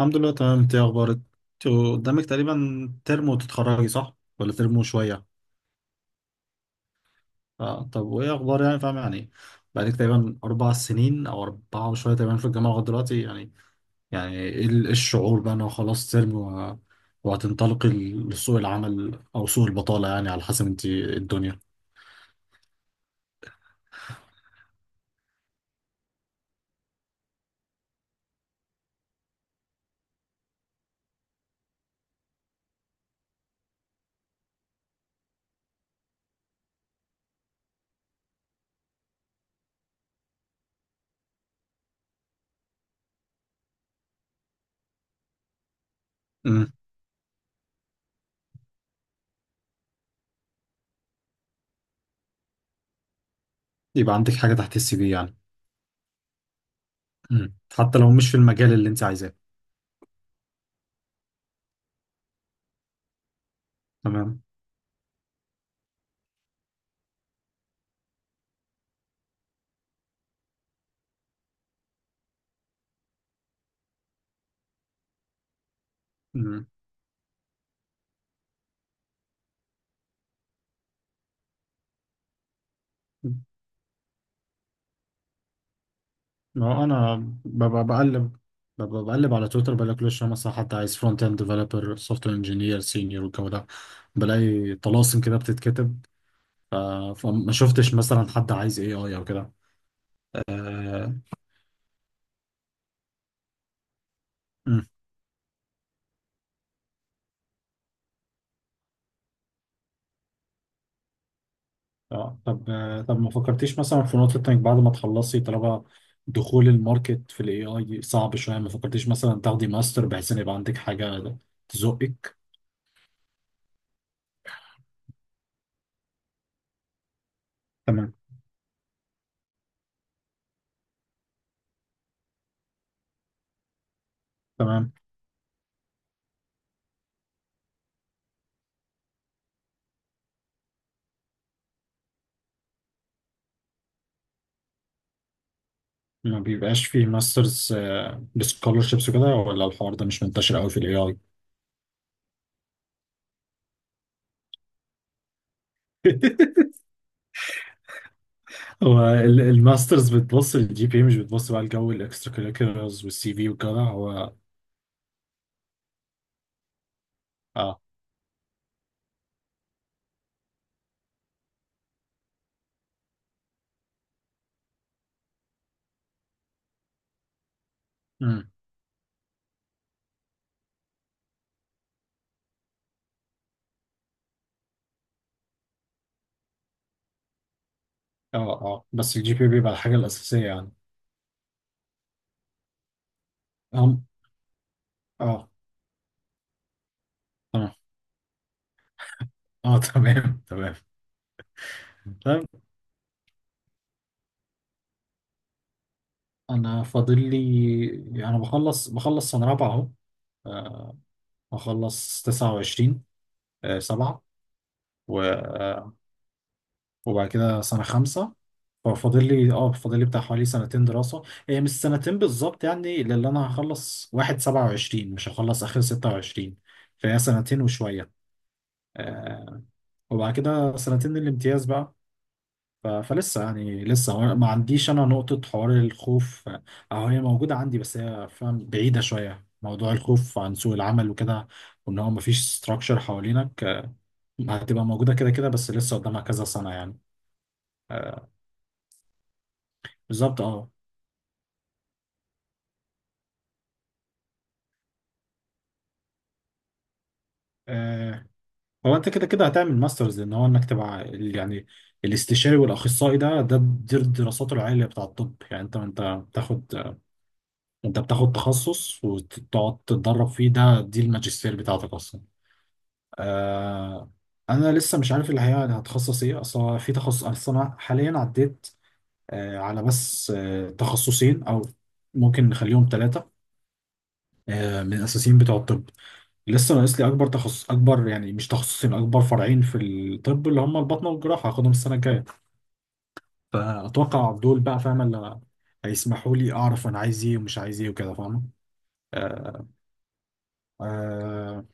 الحمد لله، تمام. انت ايه اخبارك؟ انت قدامك تقريبا ترم وتتخرجي، صح، ولا ترم وشويه؟ آه. طب وايه اخبار، يعني فاهم يعني. بقالك تقريبا 4 سنين او اربعه وشويه تقريبا في الجامعه لغايه دلوقتي يعني. يعني ايه ايه الشعور بقى ان هو خلاص ترم وهتنطلقي لسوق العمل او سوق البطاله، يعني على حسب انت ايه الدنيا. امم. يبقى عندك حاجه تحت السي في يعني. حتى لو مش في المجال اللي انت عايزاه. تمام. امم. ما هو انا ببقى بقلب ببقى بقلب على تويتر، بلاقي كل شويه مثلا حد عايز فرونت اند ديفلوبر، سوفت وير انجينير، سينيور، والجو ده، بلاقي طلاسم كده بتتكتب. ف- فما شفتش مثلا حد عايز اي اي او كده. آه. أمم. آه، طب ما فكرتيش مثلا في نقطه انك بعد ما تخلصي، طالما دخول الماركت في الاي اي صعب شويه، ما فكرتيش مثلا تاخدي ماستر بحيث ان يبقى عندك حاجه تزقك. تمام، تمام. ما بيبقاش فيه ماسترز بسكولرشيبس وكده، ولا الحوار ده مش منتشر قوي في الاي اي؟ هو الماسترز بتبص للجي بي، مش بتبص بقى لجو الاكسترا كريكولرز والسي في وكده، هو. اه. امم. اه، اه، بس الجي بي بيبقى الحاجة الأساسية يعني. أم. اه. تمام. اه. تمام، تمام. طيب. أنا فاضل لي، يعني أنا بخلص سنة رابعة أهو. آه. هخلص 29، سبعة. وبعد كده سنة خمسة. ففاضل لي اه فاضل لي بتاع حوالي سنتين دراسة. هي مش سنتين بالظبط يعني، لأن أنا هخلص واحد سبعة وعشرين، مش هخلص آخر 26. فهي سنتين وشوية. آه. وبعد كده سنتين الامتياز بقى. فلسه يعني، لسه ما عنديش أنا نقطة حوار الخوف. أو هي موجودة عندي، بس هي فاهم بعيدة شوية. موضوع الخوف عن سوق العمل وكده، وإن هو مفيش ستراكشر حوالينك، هتبقى موجودة كده كده، بس لسه قدامها كذا سنة يعني. آه، بالظبط، اه. آه، هو انت كده كده هتعمل ماسترز. ان هو انك تبقى يعني الاستشاري والاخصائي، ده ده دي دراساته العليا بتاع الطب يعني. بتاخد انت بتاخد تخصص وتقعد تتدرب فيه، دي الماجستير بتاعتك اصلا. آه. انا لسه مش عارف اللي هي هتخصص ايه اصلا، في تخصص اصلا، انا حاليا عديت على بس تخصصين او ممكن نخليهم ثلاثة، من الاساسيين بتوع الطب. لسه ناقص لي اكبر تخصص اكبر يعني، مش تخصصين، اكبر فرعين في الطب، اللي هم البطنه والجراحه، هاخدهم السنه الجايه. فاتوقع دول بقى، فاهم، اللي هيسمحوا لي اعرف انا عايز ايه ومش عايز ايه وكده، فاهم. آه. آه.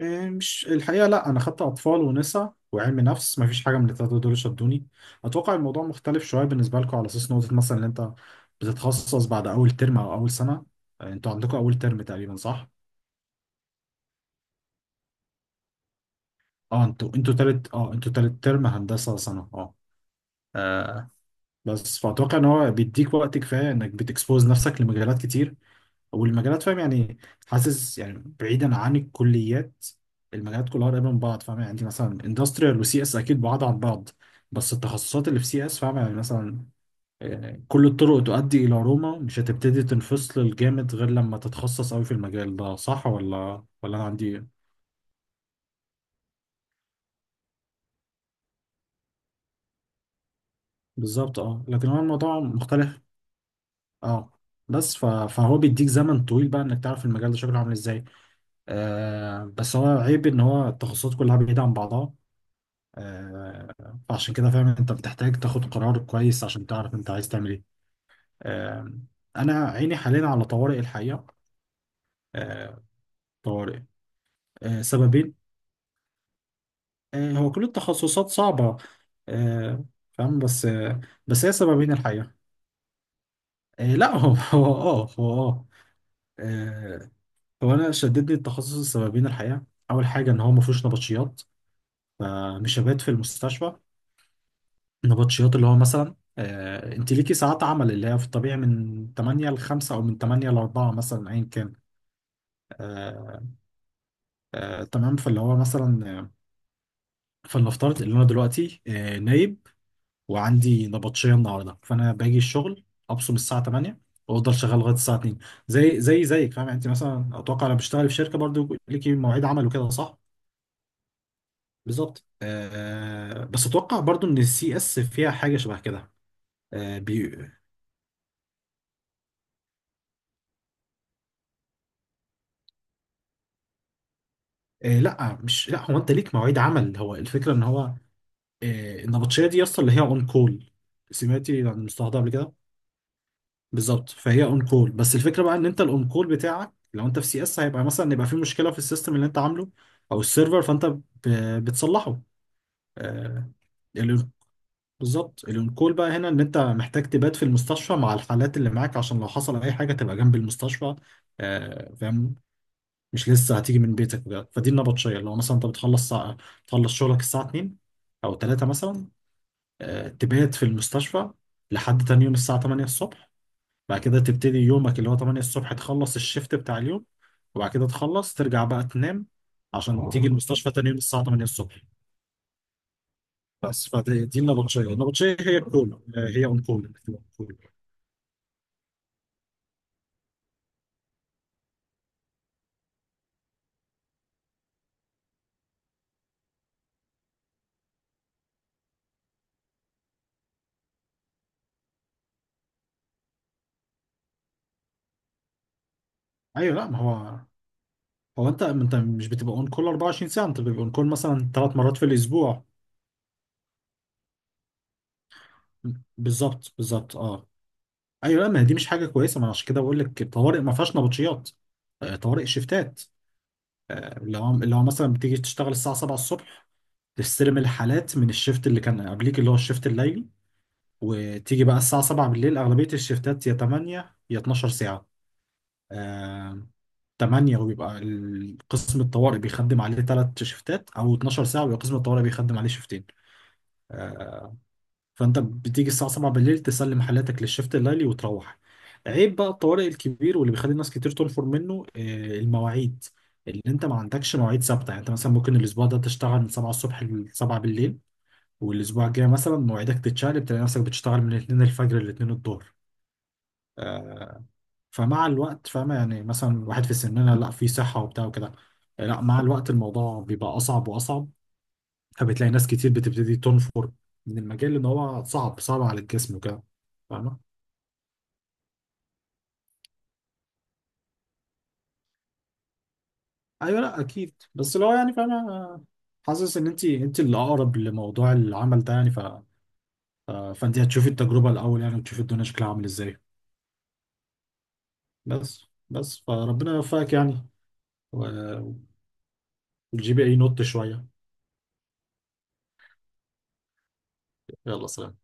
إيه، مش الحقيقه لا، انا خدت اطفال ونساء وعلم نفس، ما فيش حاجه من الثلاثه دول شدوني. اتوقع الموضوع مختلف شويه بالنسبه لكم، على اساس نقطه مثلا ان انت بتتخصص بعد اول ترم او اول سنه. آه، انتوا عندكم اول ترم تقريبا، صح؟ انتوا تالت، ترم هندسه سنه، اه. آه، بس فأتوقع إن هو بيديك وقت كفاية إنك بتكسبوز نفسك لمجالات كتير. والمجالات، فاهم يعني، حاسس يعني، بعيدا عن الكليات، المجالات كلها قريبة من بعض، فاهم يعني. عندي مثلا اندستريال وسي اس، أكيد بعاد عن بعض. بس التخصصات اللي في سي اس فاهم يعني، مثلا، آه، كل الطرق تؤدي إلى روما. مش هتبتدي تنفصل الجامد غير لما تتخصص أوي في المجال ده، صح ولا أنا عندي؟ بالظبط، اه. لكن هو الموضوع مختلف. اه. بس فهو بيديك زمن طويل بقى انك تعرف المجال ده شكله عامل ازاي. آه، بس هو عيب ان هو التخصصات كلها بعيدة عن بعضها. آه. فعشان كده فاهم انت بتحتاج تاخد قرار كويس، عشان تعرف انت عايز تعمل ايه. آه. انا عيني حاليا على طوارئ، الحقيقة. آه. طوارئ. آه، سببين. آه، هو كل التخصصات صعبة. آه. فاهم، بس. بس هي سببين الحقيقة. آه لا هو هو اه هو اه آه، هو انا شددني التخصص السببين الحقيقة. اول حاجة ان هو ما فيهوش نبطشيات، فمش هبات في المستشفى. نبطشيات اللي هو مثلا، انت ليكي ساعات عمل اللي هي في الطبيعي من 8 ل 5 او من 8 ل 4 مثلا، ايا كان. آه. تمام. فاللي هو مثلا، فلنفترض ان انا دلوقتي نايب، وعندي نبطشيه النهارده، فانا باجي الشغل، ابصم الساعه 8، وافضل شغال لغايه الساعه 2. زي زي زيك، فاهم يعني. انت مثلا اتوقع لو بتشتغلي في شركه، برضو ليكي مواعيد عمل وكده، صح؟ بالظبط. آه، آه، بس اتوقع برضو ان السي اس فيها حاجه شبه كده. لا، هو انت ليك مواعيد عمل. هو الفكره ان هو، آه، النبطشيه دي اصلا اللي هي اون كول. سمعتي عن المصطلح ده قبل كده؟ بالظبط. فهي اون كول، بس الفكره بقى ان انت الاون كول بتاعك، لو انت في سي اس، هيبقى مثلا يبقى في مشكله في السيستم اللي انت عامله او السيرفر، فانت بتصلحه. آه ال- بالظبط. الاون كول بقى هنا ان انت محتاج تبات في المستشفى مع الحالات اللي معاك، عشان لو حصل اي حاجه تبقى جنب المستشفى، آه، فاهم. مش لسه هتيجي من بيتك بجد. فدي النبطشيه، اللي هو مثلا انت بتخلص شغلك الساعه 2 او 3 مثلا، آه، تبات في المستشفى لحد تاني يوم الساعه 8 الصبح. بعد كده تبتدي يومك اللي هو 8 الصبح، تخلص الشيفت بتاع اليوم، وبعد كده تخلص ترجع بقى تنام، عشان تيجي المستشفى تاني يوم الساعه 8 الصبح. بس فدي دي النبطشيه هي الكول، آه، هي اون كول إنك تبقى on call. ايوه، لا، ما هو، هو انت مش بتبقى اون كول 24 ساعه. انت بتبقى اون كول مثلا 3 مرات في الاسبوع. بالظبط، بالظبط، اه. ايوه، لا، ما هي دي مش حاجه كويسه. ما أنا عشان كده بقول لك، الطوارئ ما فيهاش نبطشيات. آه، طوارئ شيفتات. آه، اللي هو مثلا بتيجي تشتغل الساعه 7 الصبح، تستلم الحالات من الشيفت اللي كان قبليك اللي هو الشيفت الليلي. وتيجي بقى الساعه 7 بالليل. اغلبيه الشيفتات يا 8 يا 12 ساعه. آه، 8. وبيبقى قسم الطوارئ بيخدم عليه 3 شيفتات، او 12 ساعه ويبقى قسم الطوارئ بيخدم عليه شيفتين. آه، فانت بتيجي الساعه 7 بالليل، تسلم حالاتك للشفت الليلي وتروح. عيب بقى الطوارئ الكبير واللي بيخلي الناس كتير تنفر منه، آه، المواعيد، اللي انت ما عندكش مواعيد ثابته يعني. انت مثلا ممكن الاسبوع ده تشتغل من 7 الصبح ل 7 بالليل، والاسبوع الجاي مثلا مواعيدك تتشقلب، تلاقي نفسك بتشتغل من 2 الفجر ل 2 الظهر. آه، فمع الوقت، فاهمة يعني، مثلا واحد في سننا، لا، في صحة وبتاع وكده، لا، مع الوقت الموضوع بيبقى أصعب وأصعب. فبتلاقي ناس كتير بتبتدي تنفر من المجال، لان هو صعب صعب على الجسم وكده، فاهمه. ايوه، لا اكيد، بس لو يعني فاهمه، حاسس ان انت اللي اقرب لموضوع العمل ده يعني، فانت هتشوفي التجربه الاول يعني، وتشوفي الدنيا شكلها عامل ازاي. بس فربنا يوفقك يعني. و- وتجيبي اي نوت شويه. يلا، سلام.